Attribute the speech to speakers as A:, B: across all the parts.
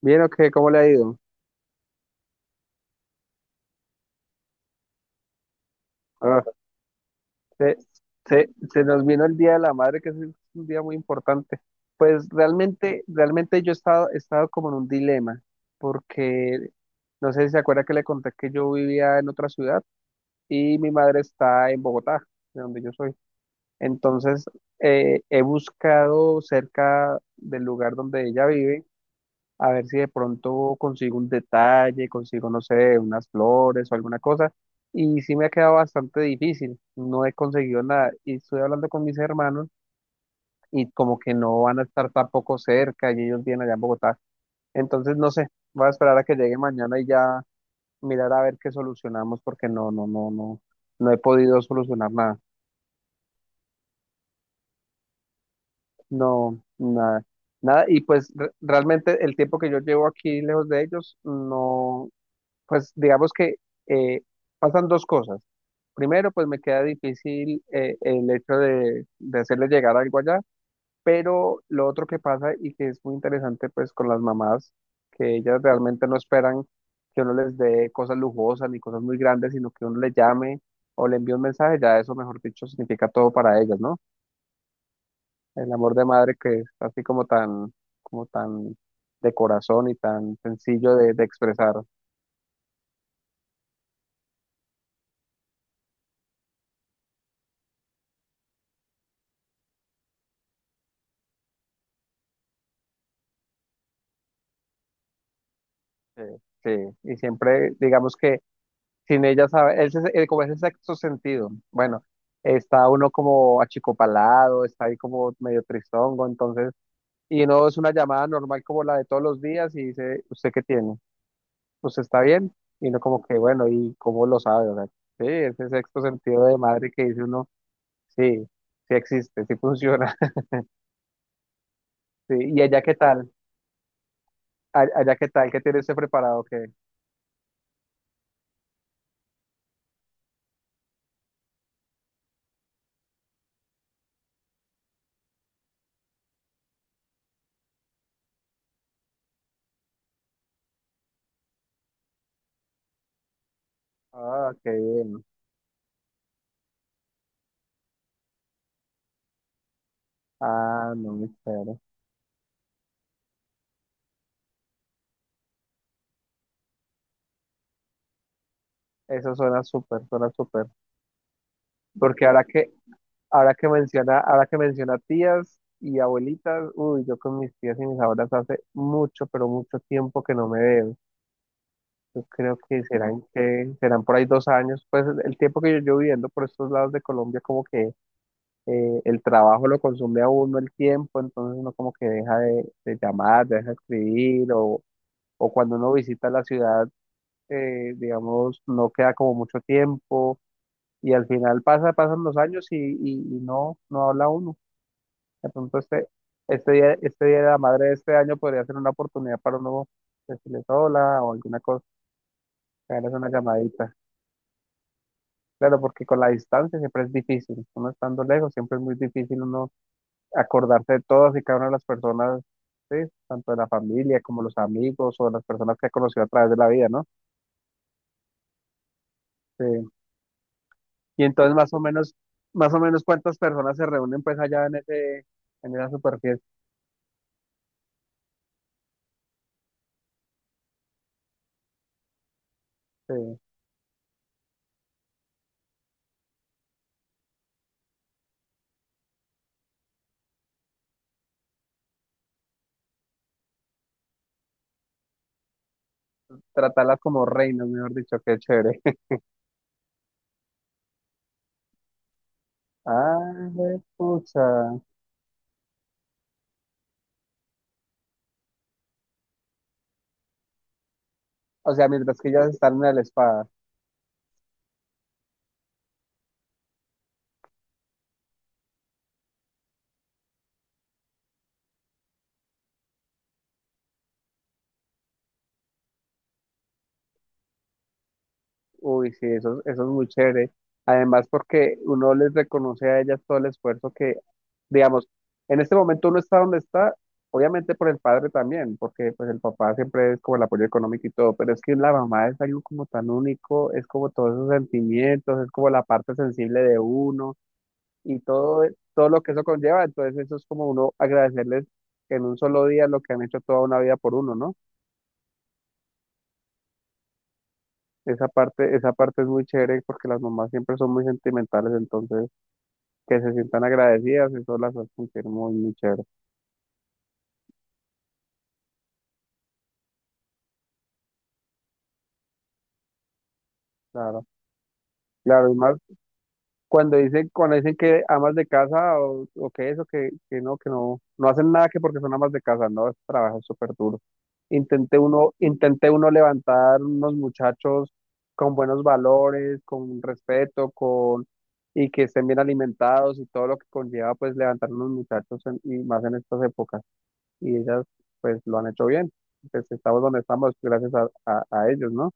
A: Bien, ok, ¿cómo le ha ido? Ah, se, Se nos vino el Día de la Madre, que es un día muy importante. Pues realmente yo he estado como en un dilema, porque no sé si se acuerda que le conté que yo vivía en otra ciudad y mi madre está en Bogotá, de donde yo soy. Entonces, he buscado cerca del lugar donde ella vive a ver si de pronto consigo un detalle, consigo, no sé, unas flores o alguna cosa. Y sí me ha quedado bastante difícil, no he conseguido nada. Y estoy hablando con mis hermanos y como que no van a estar tampoco cerca y ellos vienen allá en Bogotá. Entonces, no sé, voy a esperar a que llegue mañana y ya mirar a ver qué solucionamos porque no he podido solucionar nada. No, nada. Nada, y pues realmente el tiempo que yo llevo aquí lejos de ellos, no. Pues digamos que eh, pasan dos cosas. Primero, pues me queda difícil el hecho de hacerle llegar algo allá, pero lo otro que pasa y que es muy interesante pues con las mamás, que ellas realmente no esperan que uno les dé cosas lujosas ni cosas muy grandes, sino que uno le llame o le envíe un mensaje, ya eso, mejor dicho, significa todo para ellas, ¿no? El amor de madre que es así como tan de corazón y tan sencillo de expresar. Sí, sí, y siempre digamos que sin ella sabe, ese, como ese sexto sentido, bueno, está uno como achicopalado, está ahí como medio tristongo, entonces, y no es una llamada normal como la de todos los días y dice, ¿usted qué tiene? ¿Usted está bien? Y uno como que, bueno, ¿y cómo lo sabe? O sea, sí, ese sexto sentido de madre que dice uno, sí, sí existe, sí funciona. Sí, ¿y allá qué tal? ¿Allá qué tal? ¿Qué tiene usted preparado? ¿Qué? Ah, qué bien. Ah, no, me espera. Eso suena súper, suena súper. Porque ahora que, ahora que menciona tías y abuelitas, uy, yo con mis tías y mis abuelas hace mucho, pero mucho tiempo que no me veo. Yo creo que serán por ahí 2 años. Pues el tiempo que yo llevo viviendo por estos lados de Colombia, como que el trabajo lo consume a uno el tiempo, entonces uno como que deja de llamar, deja de escribir, o cuando uno visita la ciudad, digamos, no queda como mucho tiempo y al final pasa, pasan los años y, y no, no habla uno. De pronto este, este día de la madre de este año podría ser una oportunidad para uno decirles hola o alguna cosa, hacerles una llamadita. Claro, porque con la distancia siempre es difícil. Uno estando lejos siempre es muy difícil uno acordarse de todas y cada una de las personas, ¿sí? Tanto de la familia como los amigos o las personas que ha conocido a través de la vida, ¿no? Sí. Y entonces más o menos cuántas personas se reúnen pues allá en ese, en esa super fiesta. Tratarlas como reinas, mejor dicho, qué chévere. Ah, pucha. O sea, mientras que ellas están en la espada. Uy, sí, eso es muy chévere. Además, porque uno les reconoce a ellas todo el esfuerzo que, digamos, en este momento uno está donde está, obviamente por el padre también, porque pues el papá siempre es como el apoyo económico y todo, pero es que la mamá es algo como tan único, es como todos esos sentimientos, es como la parte sensible de uno. Y todo, todo lo que eso conlleva. Entonces eso es como uno agradecerles en un solo día lo que han hecho toda una vida por uno, ¿no? Esa parte es muy chévere porque las mamás siempre son muy sentimentales, entonces que se sientan agradecidas, eso las hace sentir muy, muy chévere. Claro, claro, y más, cuando dicen que amas de casa o que eso, que, que no, no hacen nada que porque son amas de casa, no, ese trabajo es súper duro. Intenté uno levantar unos muchachos con buenos valores, con respeto, con, y que estén bien alimentados y todo lo que conlleva pues levantar unos muchachos y más en estas épocas. Y ellas pues lo han hecho bien. Pues estamos donde estamos gracias a, a ellos, ¿no?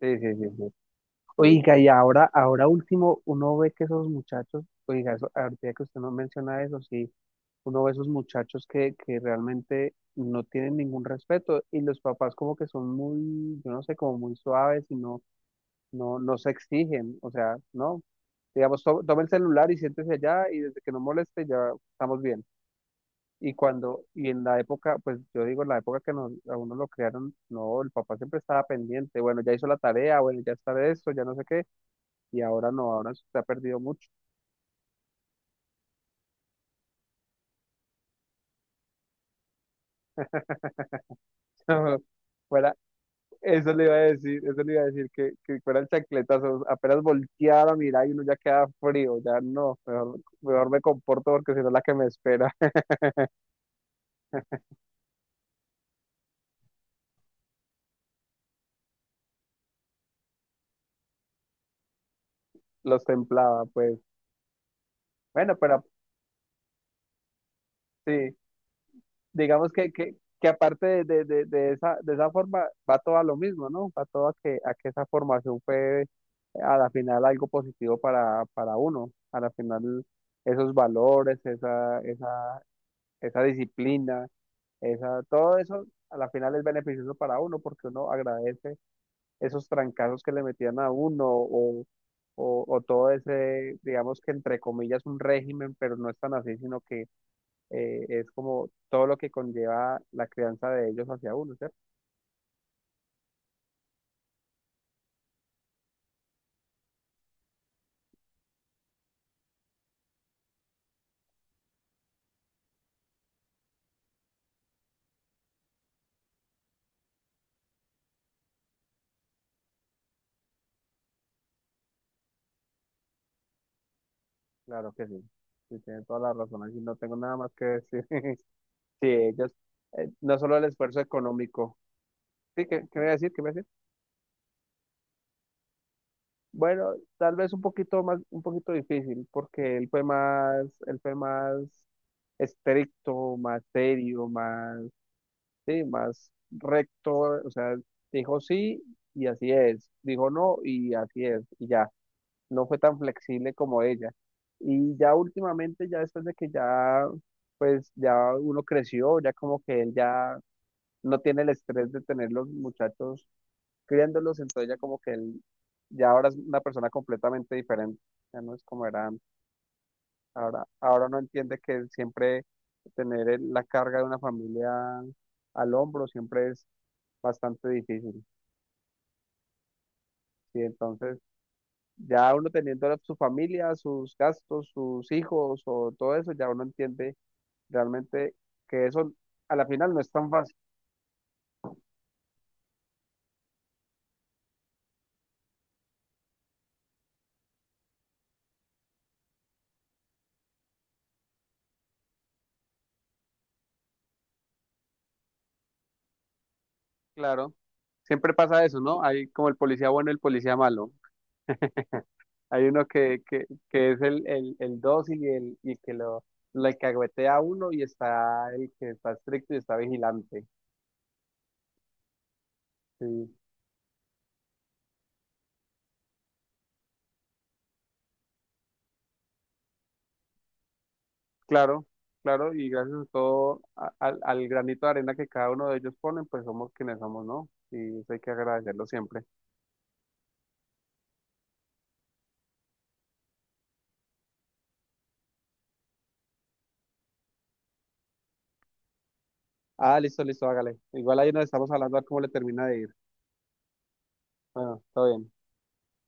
A: Sí, sí, sí, sí. Oiga, y ahora, ahora último, uno ve que esos muchachos, oiga, eso, ahorita que usted no menciona eso, sí, uno ve esos muchachos que realmente no tienen ningún respeto y los papás como que son muy, yo no sé, como muy suaves y no, no se exigen, o sea, no, digamos, toma el celular y siéntese allá y desde que no moleste ya estamos bien. Y cuando, y en la época, pues yo digo, en la época que nos, a uno lo crearon, no, el papá siempre estaba pendiente, bueno, ya hizo la tarea, bueno, ya está de esto, ya no sé qué y ahora no, ahora se ha perdido mucho. Fuera, eso le iba a decir, eso le iba a decir, que fuera el chancletazo, apenas voltear a mirar y uno ya queda frío, ya no, mejor, mejor me comporto porque si no la que me espera, los templaba, pues. Bueno, pero sí, digamos que aparte de esa forma, va todo a lo mismo, ¿no? Va todo a que esa formación fue a la final algo positivo para uno, a la final esos valores, esa, esa esa disciplina, esa, todo eso a la final es beneficioso para uno porque uno agradece esos trancazos que le metían a uno o, o todo ese, digamos que entre comillas, un régimen, pero no es tan así, sino que es como todo lo que conlleva la crianza de ellos hacia uno, ¿cierto? Claro que sí. Sí, tienen toda la razón, así no tengo nada más que decir. Sí, ellos, no solo el esfuerzo económico. Sí, ¿qué, qué me iba a decir? ¿Qué me iba a decir? Bueno, tal vez un poquito más, un poquito difícil, porque él fue más estricto, más serio, más, sí, más recto, o sea, dijo sí y así es, dijo no y así es, y ya, no fue tan flexible como ella. Y ya últimamente, ya después de que ya, pues ya uno creció, ya como que él ya no tiene el estrés de tener los muchachos criándolos, entonces ya como que él ya ahora es una persona completamente diferente, ya no es como era antes. Ahora, ahora no entiende que siempre tener la carga de una familia al hombro siempre es bastante difícil. Y entonces ya uno teniendo su familia, sus gastos, sus hijos o todo eso, ya uno entiende realmente que eso a la final no es tan fácil. Claro, siempre pasa eso, ¿no? Hay como el policía bueno y el policía malo. Hay uno que es el dócil y el, y que lo alcahuetea a uno y está el que está estricto y está vigilante. Sí, claro, claro, y gracias a todo, al, al granito de arena que cada uno de ellos ponen, pues somos quienes somos, ¿no? Y eso hay que agradecerlo siempre. Ah, listo, listo, hágale. Igual ahí nos estamos hablando a ver cómo le termina de ir. Bueno, todo bien.